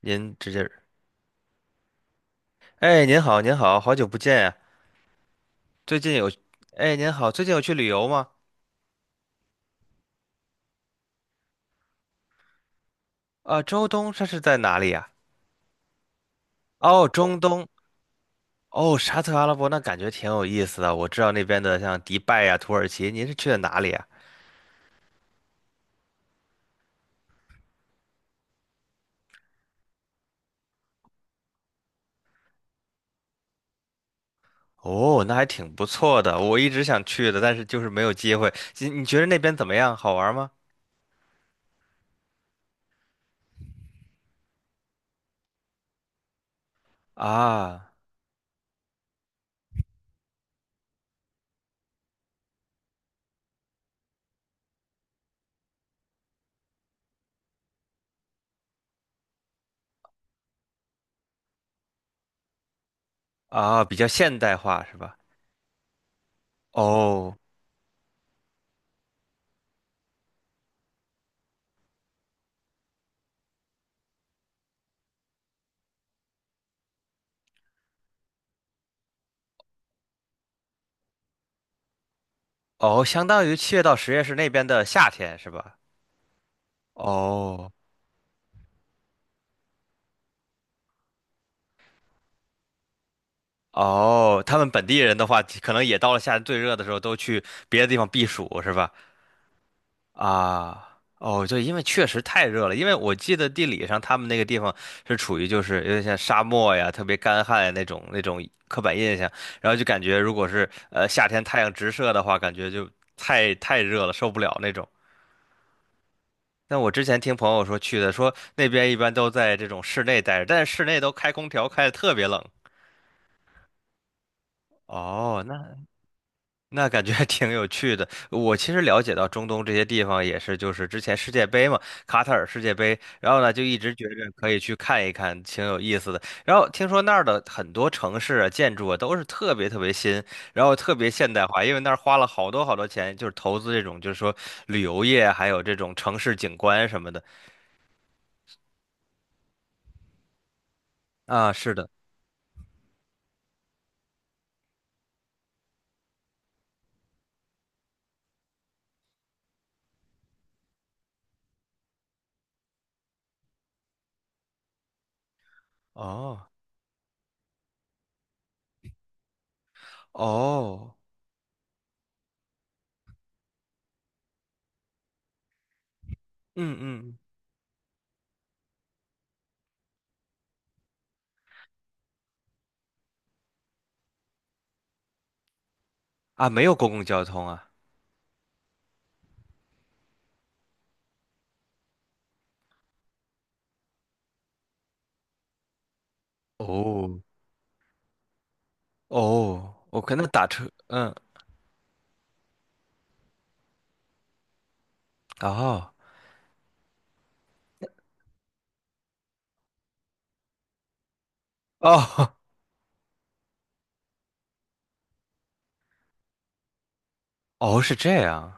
您直接，哎，您好，您好，好久不见呀。最近有，哎，您好，最近有去旅游吗？啊，中东这是在哪里呀？哦，中东，哦，沙特阿拉伯，那感觉挺有意思的。我知道那边的像迪拜呀、土耳其，您是去的哪里呀？哦，那还挺不错的，我一直想去的，但是就是没有机会。你觉得那边怎么样？好玩吗？啊啊，比较现代化是吧？哦哦，相当于七月到十月是那边的夏天是吧？哦。哦，他们本地人的话，可能也到了夏天最热的时候，都去别的地方避暑，是吧？啊，哦，对，因为确实太热了。因为我记得地理上他们那个地方是处于就是有点像沙漠呀，特别干旱呀那种那种刻板印象，然后就感觉如果是夏天太阳直射的话，感觉就太热了，受不了那种。但我之前听朋友说去的，说那边一般都在这种室内待着，但是室内都开空调开的特别冷。哦，那。那感觉还挺有趣的。我其实了解到中东这些地方也是，就是之前世界杯嘛，卡塔尔世界杯，然后呢就一直觉着可以去看一看，挺有意思的。然后听说那儿的很多城市啊、建筑啊都是特别特别新，然后特别现代化，因为那儿花了好多好多钱，就是投资这种，就是说旅游业，还有这种城市景观什么的。啊，是的。哦哦，嗯嗯嗯啊，没有公共交通啊。哦哦，我可能打车，嗯，哦。哦哦，是这样。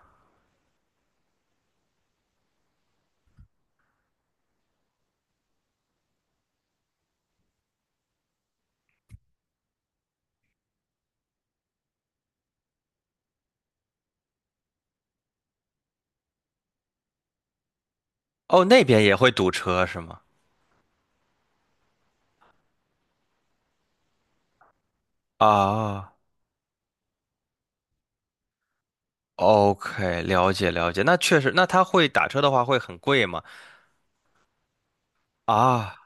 哦，那边也会堵车是吗？啊，OK，了解了解。那确实，那他会打车的话会很贵吗？啊，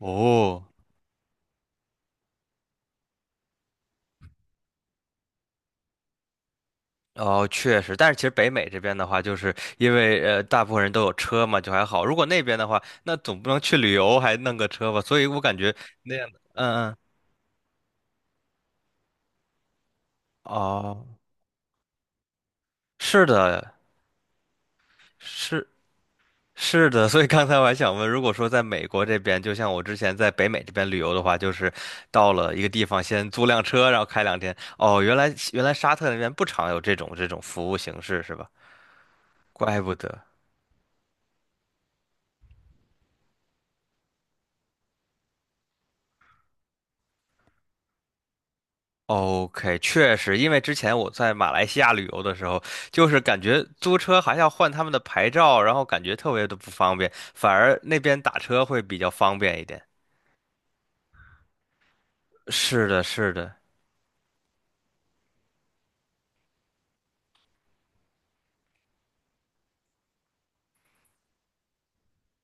哦。哦，确实，但是其实北美这边的话，就是因为大部分人都有车嘛，就还好。如果那边的话，那总不能去旅游还弄个车吧？所以我感觉那样的，嗯嗯，哦，是的，是是的，所以刚才我还想问，如果说在美国这边，就像我之前在北美这边旅游的话，就是到了一个地方先租辆车，然后开两天。哦，原来沙特那边不常有这种服务形式是吧？怪不得。OK，确实，因为之前我在马来西亚旅游的时候，就是感觉租车还要换他们的牌照，然后感觉特别的不方便，反而那边打车会比较方便一点。是的，是的，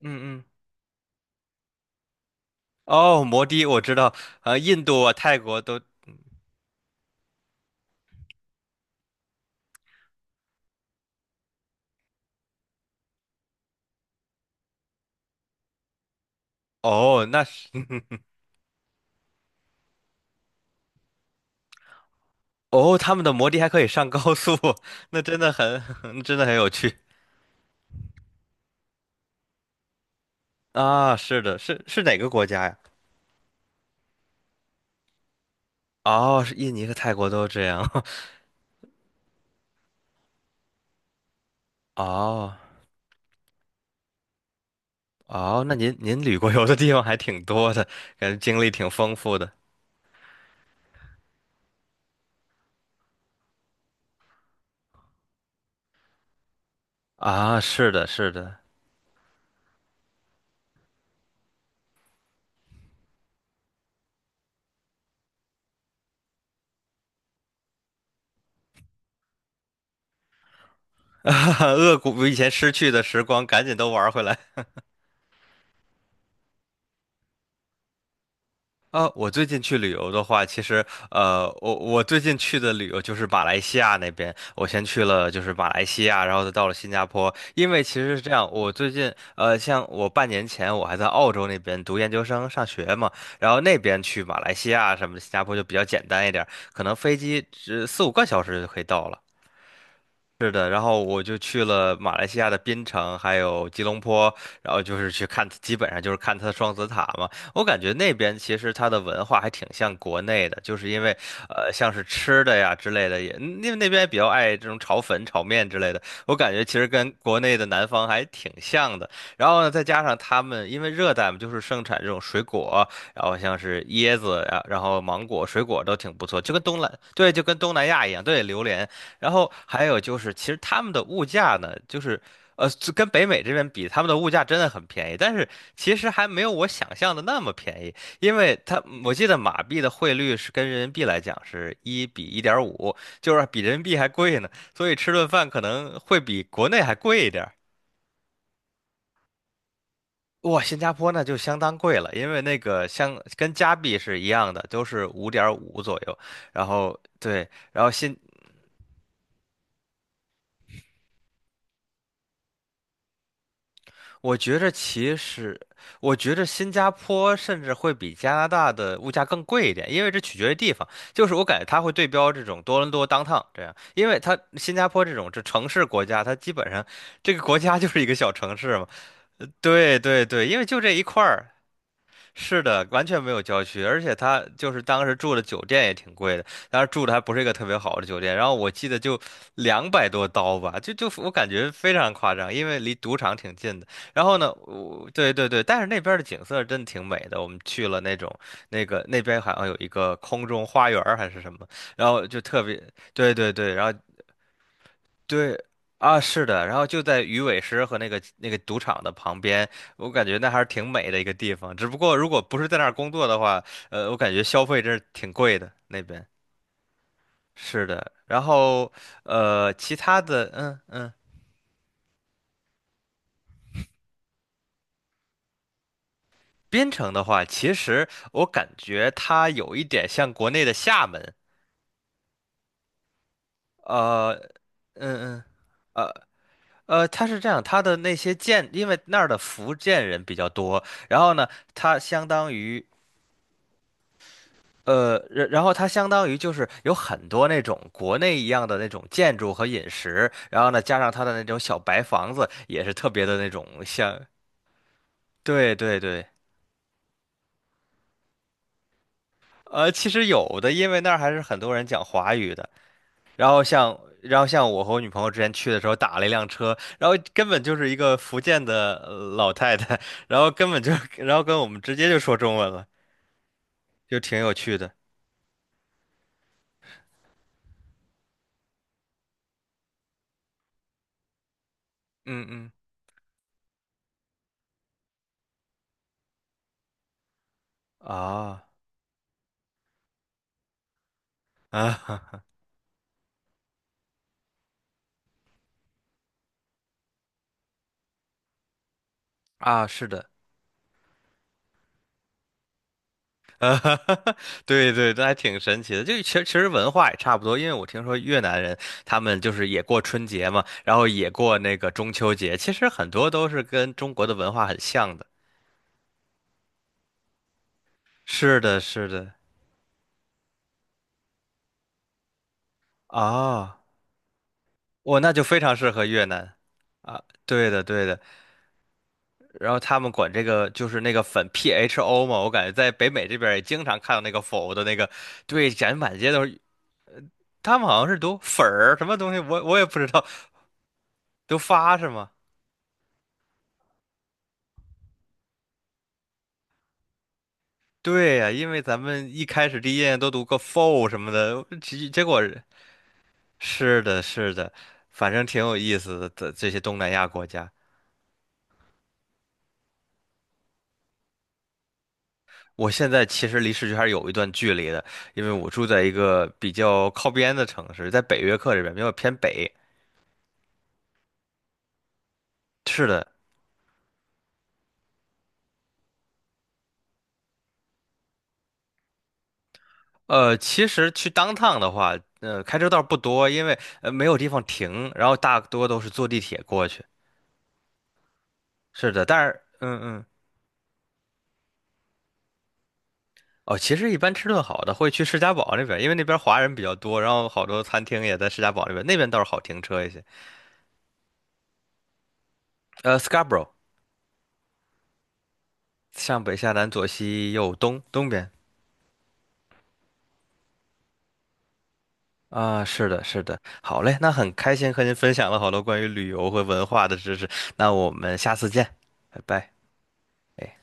嗯嗯，哦，摩的我知道，印度啊、泰国都哦，那是 哦，他们的摩的还可以上高速，那真的很，真的很有趣啊！是的，是是哪个国家呀？哦，是印尼和泰国都这样。哦哦，那您旅过游的地方还挺多的，感觉经历挺丰富的啊！是的，是的，哈哈，扼骨以前失去的时光，赶紧都玩回来。啊，我最近去旅游的话，其实我最近去的旅游就是马来西亚那边。我先去了就是马来西亚，然后再到了新加坡。因为其实是这样，我最近像我半年前我还在澳洲那边读研究生上学嘛，然后那边去马来西亚什么的，新加坡就比较简单一点儿可能飞机只四五个小时就可以到了。是的，然后我就去了马来西亚的槟城，还有吉隆坡，然后就是去看，基本上就是看它的双子塔嘛。我感觉那边其实它的文化还挺像国内的，就是因为像是吃的呀之类的也，因为那边也比较爱这种炒粉、炒面之类的。我感觉其实跟国内的南方还挺像的。然后呢，再加上他们因为热带嘛，就是盛产这种水果，然后像是椰子呀，然后芒果、水果都挺不错，就跟东南，对，就跟东南亚一样，对，榴莲。然后还有就是，其实他们的物价呢，就是就跟北美这边比，他们的物价真的很便宜，但是其实还没有我想象的那么便宜，因为他我记得马币的汇率是跟人民币来讲是一比一点五，就是比人民币还贵呢，所以吃顿饭可能会比国内还贵一点儿。哇，新加坡那就相当贵了，因为那个相跟加币是一样的，都是五点五左右。然后对，然后新我觉着其实，我觉着新加坡甚至会比加拿大的物价更贵一点，因为这取决于地方。就是我感觉它会对标这种多伦多 downtown 这样，因为它新加坡这种这城市国家，它基本上这个国家 就是一个小城市嘛。对对对，因为就这一块儿，是的，完全没有郊区，而且他就是当时住的酒店也挺贵的，当时住的还不是一个特别好的酒店，然后我记得就两百多刀吧，就我感觉非常夸张，因为离赌场挺近的。然后呢，我对对对，但是那边的景色真的挺美的，我们去了那种那个那边好像有一个空中花园儿还是什么，然后就特别对对对，然后对啊，是的，然后就在鱼尾狮和那个那个赌场的旁边，我感觉那还是挺美的一个地方。只不过如果不是在那儿工作的话，我感觉消费真是挺贵的那边。是的，然后其他的，嗯嗯，槟城的话，其实我感觉它有一点像国内的厦门，呃，嗯嗯。呃它是这样，它的那些建，因为那儿的福建人比较多，然后呢，它相当于然后它相当于就是有很多那种国内一样的那种建筑和饮食，然后呢，加上它的那种小白房子，也是特别的那种像，对对对，其实有的，因为那儿还是很多人讲华语的，然后像。然后像我和我女朋友之前去的时候打了一辆车，然后根本就是一个福建的老太太，然后根本就，然后跟我们直接就说中文了，就挺有趣的。嗯嗯，啊啊 啊，是的。呃，对对，这还挺神奇的。就其实文化也差不多，因为我听说越南人他们就是也过春节嘛，然后也过那个中秋节，其实很多都是跟中国的文化很像的。是的，是的，啊，我那就非常适合越南。对的，对的。然后他们管这个就是那个粉 PHO 嘛，我感觉在北美这边儿也经常看到那个否的那个，对，展觉满街都是。他们好像是读粉儿什么东西，我也不知道，都发是吗？对呀，因为咱们一开始第一眼都读个 for 什么的，结结果是的，是的，反正挺有意思的。这这些东南亚国家，我现在其实离市区还是有一段距离的，因为我住在一个比较靠边的城市，在北约克这边，比较偏北。是的，其实去当趟的话，开车倒是不多，因为没有地方停，然后大多都是坐地铁过去。是的，但是，嗯嗯。哦，其实一般吃顿好的会去士嘉堡那边，因为那边华人比较多，然后好多餐厅也在士嘉堡那边，那边倒是好停车一些。Scarborough，上北下南左西右东，东边。啊，是的，是的，好嘞，那很开心和您分享了好多关于旅游和文化的知识，那我们下次见，拜拜。哎。